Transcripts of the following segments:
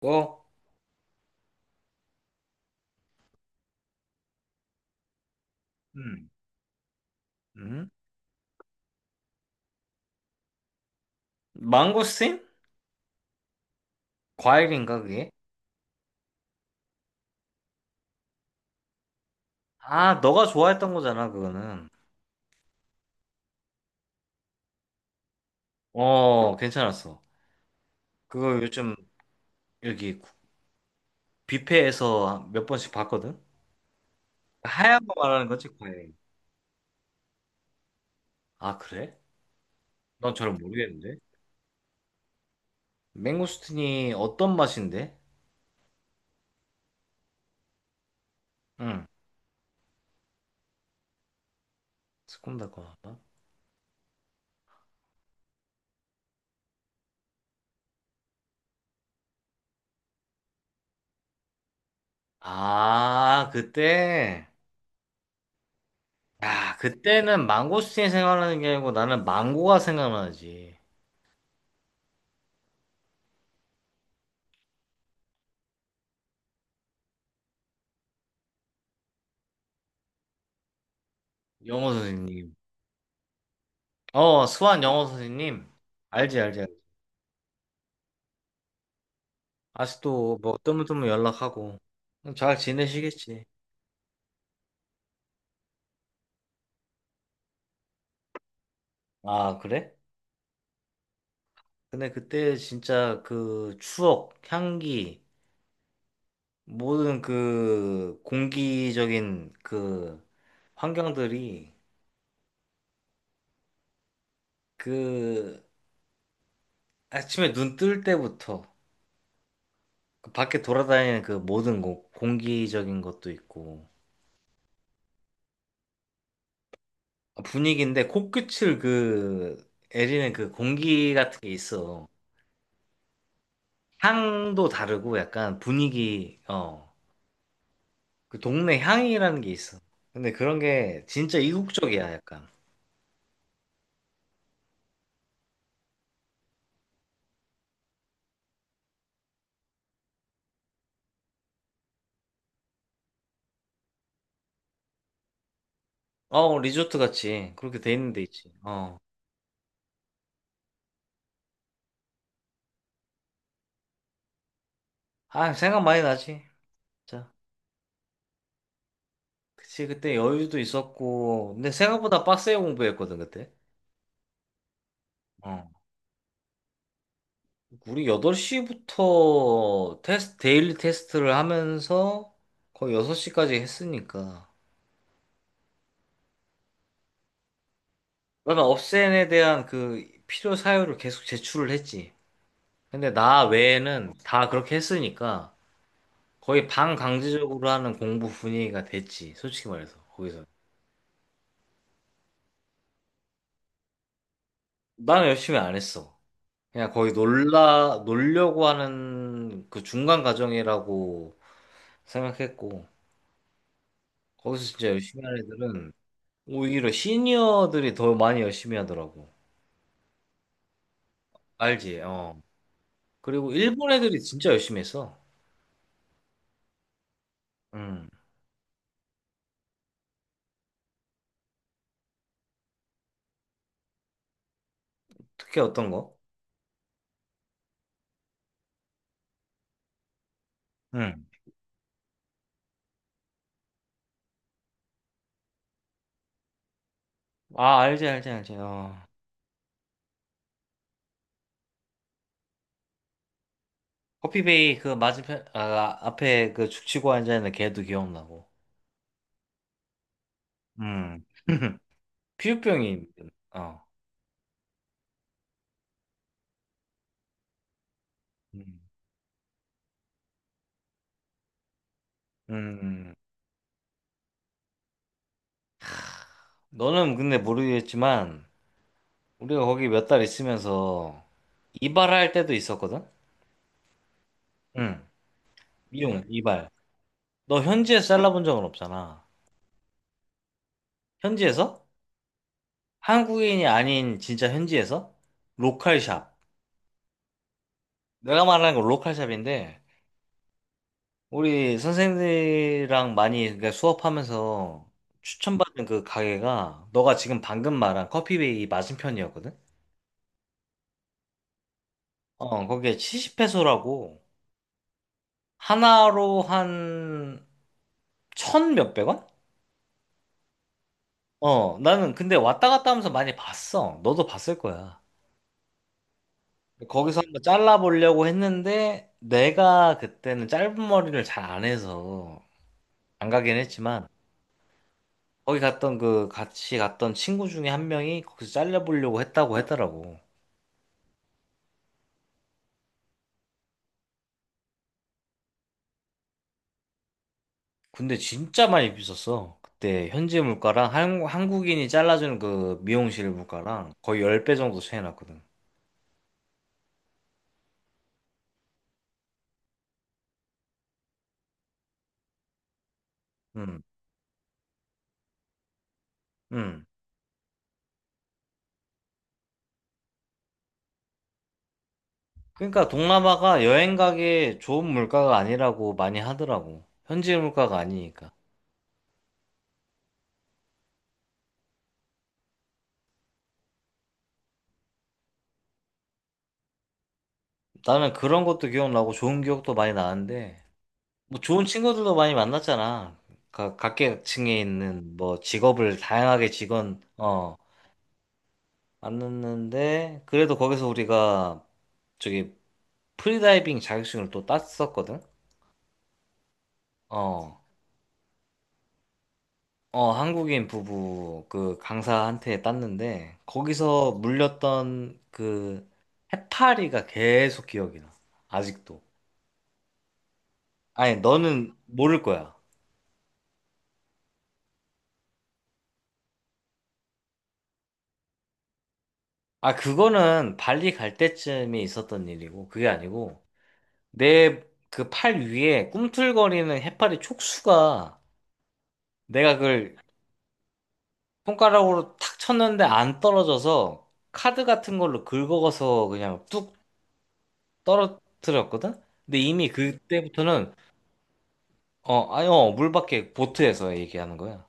어, 음, 음. 망고스틴? 과일인가 그게? 아, 너가 좋아했던 거잖아, 그거는. 어, 괜찮았어. 그거 요즘 여기 뷔페에서 몇 번씩 봤거든? 하얀 거 말하는 거지, 과일. 아, 그래? 난 잘 모르겠는데. 망고스틴이 어떤 맛인데? 응. 새콤달콤하다. 아, 그때? 야, 그때는 망고스틴이 생각나는 게 아니고 나는 망고가 생각나지. 영어 선생님. 어, 수완 영어 선생님. 알지, 알지, 알지. 아직도 뭐 뜨문뜨문 연락하고. 잘 지내시겠지. 아, 그래? 근데 그때 진짜 그 추억, 향기, 모든 그 공기적인 그 환경들이 그 아침에 눈 뜰 때부터 그 밖에 돌아다니는 그 모든 공기적인 것도 있고 아, 분위기인데 코끝을 그 애리는 그 공기 같은 게 있어. 향도 다르고 약간 분위기, 그 동네 향이라는 게 있어. 근데 그런 게 진짜 이국적이야, 약간. 어, 리조트 같이 그렇게 돼 있는 데 있지. 어. 아, 생각 많이 나지. 자, 그치, 그때 여유도 있었고. 근데 생각보다 빡세게 공부했거든, 그때. 어. 우리 8시부터 데일리 테스트를 하면서 거의 6시까지 했으니까. 그러면 업센에 대한 그 필요 사유를 계속 제출을 했지. 근데 나 외에는 다 그렇게 했으니까 거의 반강제적으로 하는 공부 분위기가 됐지. 솔직히 말해서 거기서. 나는 열심히 안 했어. 그냥 거의 놀라 놀려고 하는 그 중간 과정이라고 생각했고 거기서 진짜 열심히 하는 애들은 오히려 시니어들이 더 많이 열심히 하더라고. 알지? 어. 그리고 일본 애들이 진짜 열심히 했어. 음. 특히 어떤 거? 응. 아, 알지, 알지, 알지. 어. 커피베이 그 맞은편 앞에 그 죽치고 앉아 있는 걔도 기억나고. 음. 피부병이 어. 음. 음. 너는 근데 모르겠지만 우리가 거기 몇 달 있으면서 이발할 때도 있었거든. 응. 미용 이발. 너 현지에서 잘라본 적은 없잖아. 현지에서? 한국인이 아닌 진짜 현지에서? 로컬샵. 내가 말하는 건 로컬샵인데 우리 선생님들이랑 많이 그러니까 수업하면서 추천받은 그 가게가 너가 지금 방금 말한 커피베이 맞은편이었거든? 어, 거기에 70페소라고 하나로 한 천 몇백 원? 어, 나는 근데 왔다 갔다 하면서 많이 봤어. 너도 봤을 거야. 거기서 한번 잘라보려고 했는데 내가 그때는 짧은 머리를 잘 안 해서 안 가긴 했지만 거기 갔던 그 같이 갔던 친구 중에 한 명이 거기서 잘라보려고 했다고 했더라고. 근데 진짜 많이 비쌌어. 그때 현지 물가랑 한국인이 잘라주는 그 미용실 물가랑 거의 10배 정도 차이 났거든. 음, 음. 그러니까 동남아가 여행 가기에 좋은 물가가 아니라고 많이 하더라고. 현지 물가가 아니니까. 나는 그런 것도 기억나고 좋은 기억도 많이 나는데, 뭐 좋은 친구들도 많이 만났잖아. 각계층에 있는 뭐 직업을 다양하게 직원, 만났는데, 그래도 거기서 우리가 저기 프리다이빙 자격증을 또 땄었거든? 어, 어, 한국인 부부 그 강사한테 땄는데, 거기서 물렸던 그 해파리가 계속 기억이 나. 아직도. 아니, 너는 모를 거야. 아, 그거는 발리 갈 때쯤에 있었던 일이고, 그게 아니고, 내 그 팔 위에 꿈틀거리는 해파리 촉수가 내가 그걸 손가락으로 탁 쳤는데 안 떨어져서 카드 같은 걸로 긁어서 그냥 뚝 떨어뜨렸거든? 근데 이미 그때부터는 아니 물밖에 보트에서 얘기하는 거야.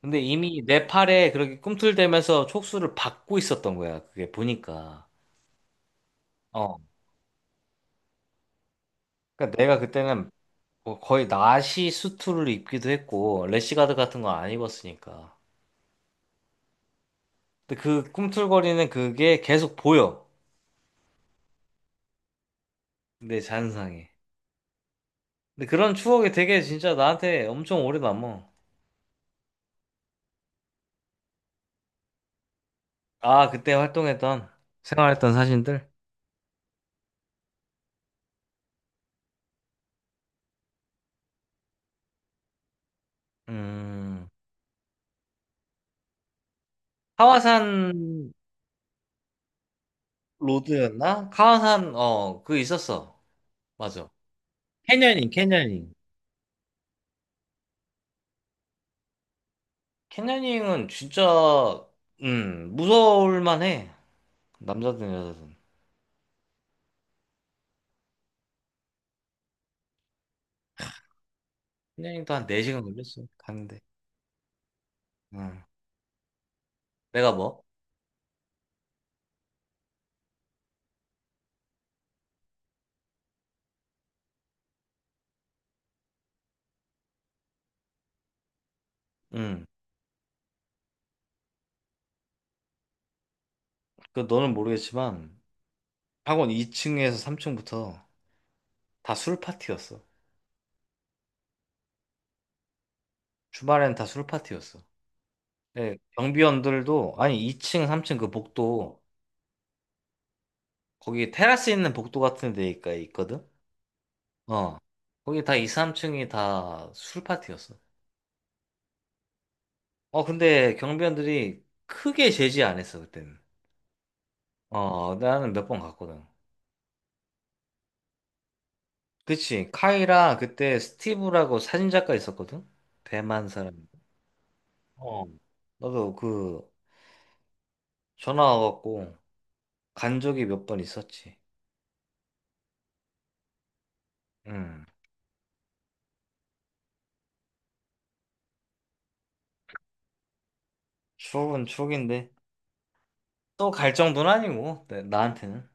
근데 이미 내 팔에 그렇게 꿈틀대면서 촉수를 받고 있었던 거야. 그게 보니까. 어. 그러니까 내가 그때는 뭐 거의 나시 수트를 입기도 했고 래시가드 같은 거 안 입었으니까. 근데 그 꿈틀거리는 그게 계속 보여. 내 잔상에. 근데 그런 추억이 되게 진짜 나한테 엄청 오래 남어. 아, 그때 활동했던 생활했던 사진들? 음. 하와산 로드였나? 하와산 그거 있었어. 맞아. 캐녀닝, 캐녀닝. 캐녀닝은 진짜 무서울 만해. 남자든 여자든. 캐녀닝도 한 4시간 걸렸어. 가는데. 응. 내가 뭐? 응. 그 너는 모르겠지만 학원 2층에서 3층부터 다 술 파티였어. 주말엔 다 술 파티였어. 예, 경비원들도 아니 2층, 3층 그 복도 거기 테라스 있는 복도 같은 데가 있거든. 어. 거기 다 2, 3층이 다 술 파티였어. 어, 근데 경비원들이 크게 제지 안 했어, 그때는. 어, 나는 몇 번 갔거든. 그치. 카이랑 그때 스티브라고 사진작가 있었거든? 대만 사람. 어. 나도 그 전화 와갖고 간 적이 몇 번 있었지. 음. 추억은 추억인데. 또 갈 정도는 아니고, 나한테는.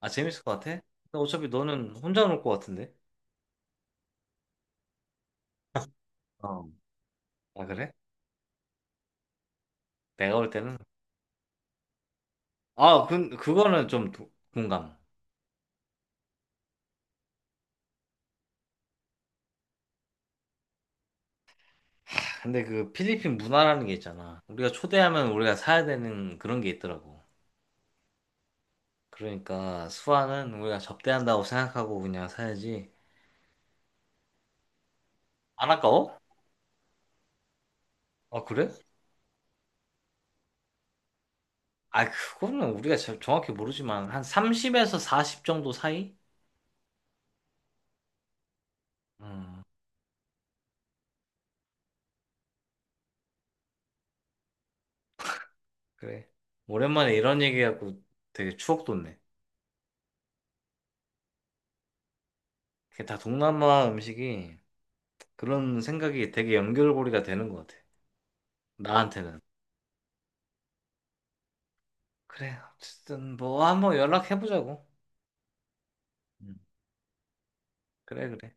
아, 재밌을 것 같아? 근데 어차피 너는 혼자 놀 것 같은데? 어. 아, 그래? 내가 올 때는 아, 그거는 좀 공감. 근데 그 필리핀 문화라는 게 있잖아. 우리가 초대하면 우리가 사야 되는 그런 게 있더라고. 그러니까 수아는 우리가 접대한다고 생각하고 그냥 사야지. 안 아까워? 아, 그래? 아, 그거는 우리가 정확히 모르지만 한 30에서 40 정도 사이? 음, 그래. 오랜만에 이런 얘기하고 되게 추억 돋네. 그게 다 동남아 음식이 그런 생각이 되게 연결고리가 되는 것 같아. 나한테는. 그래, 어쨌든 뭐 한번 연락해보자고. 음. 그래, 그래.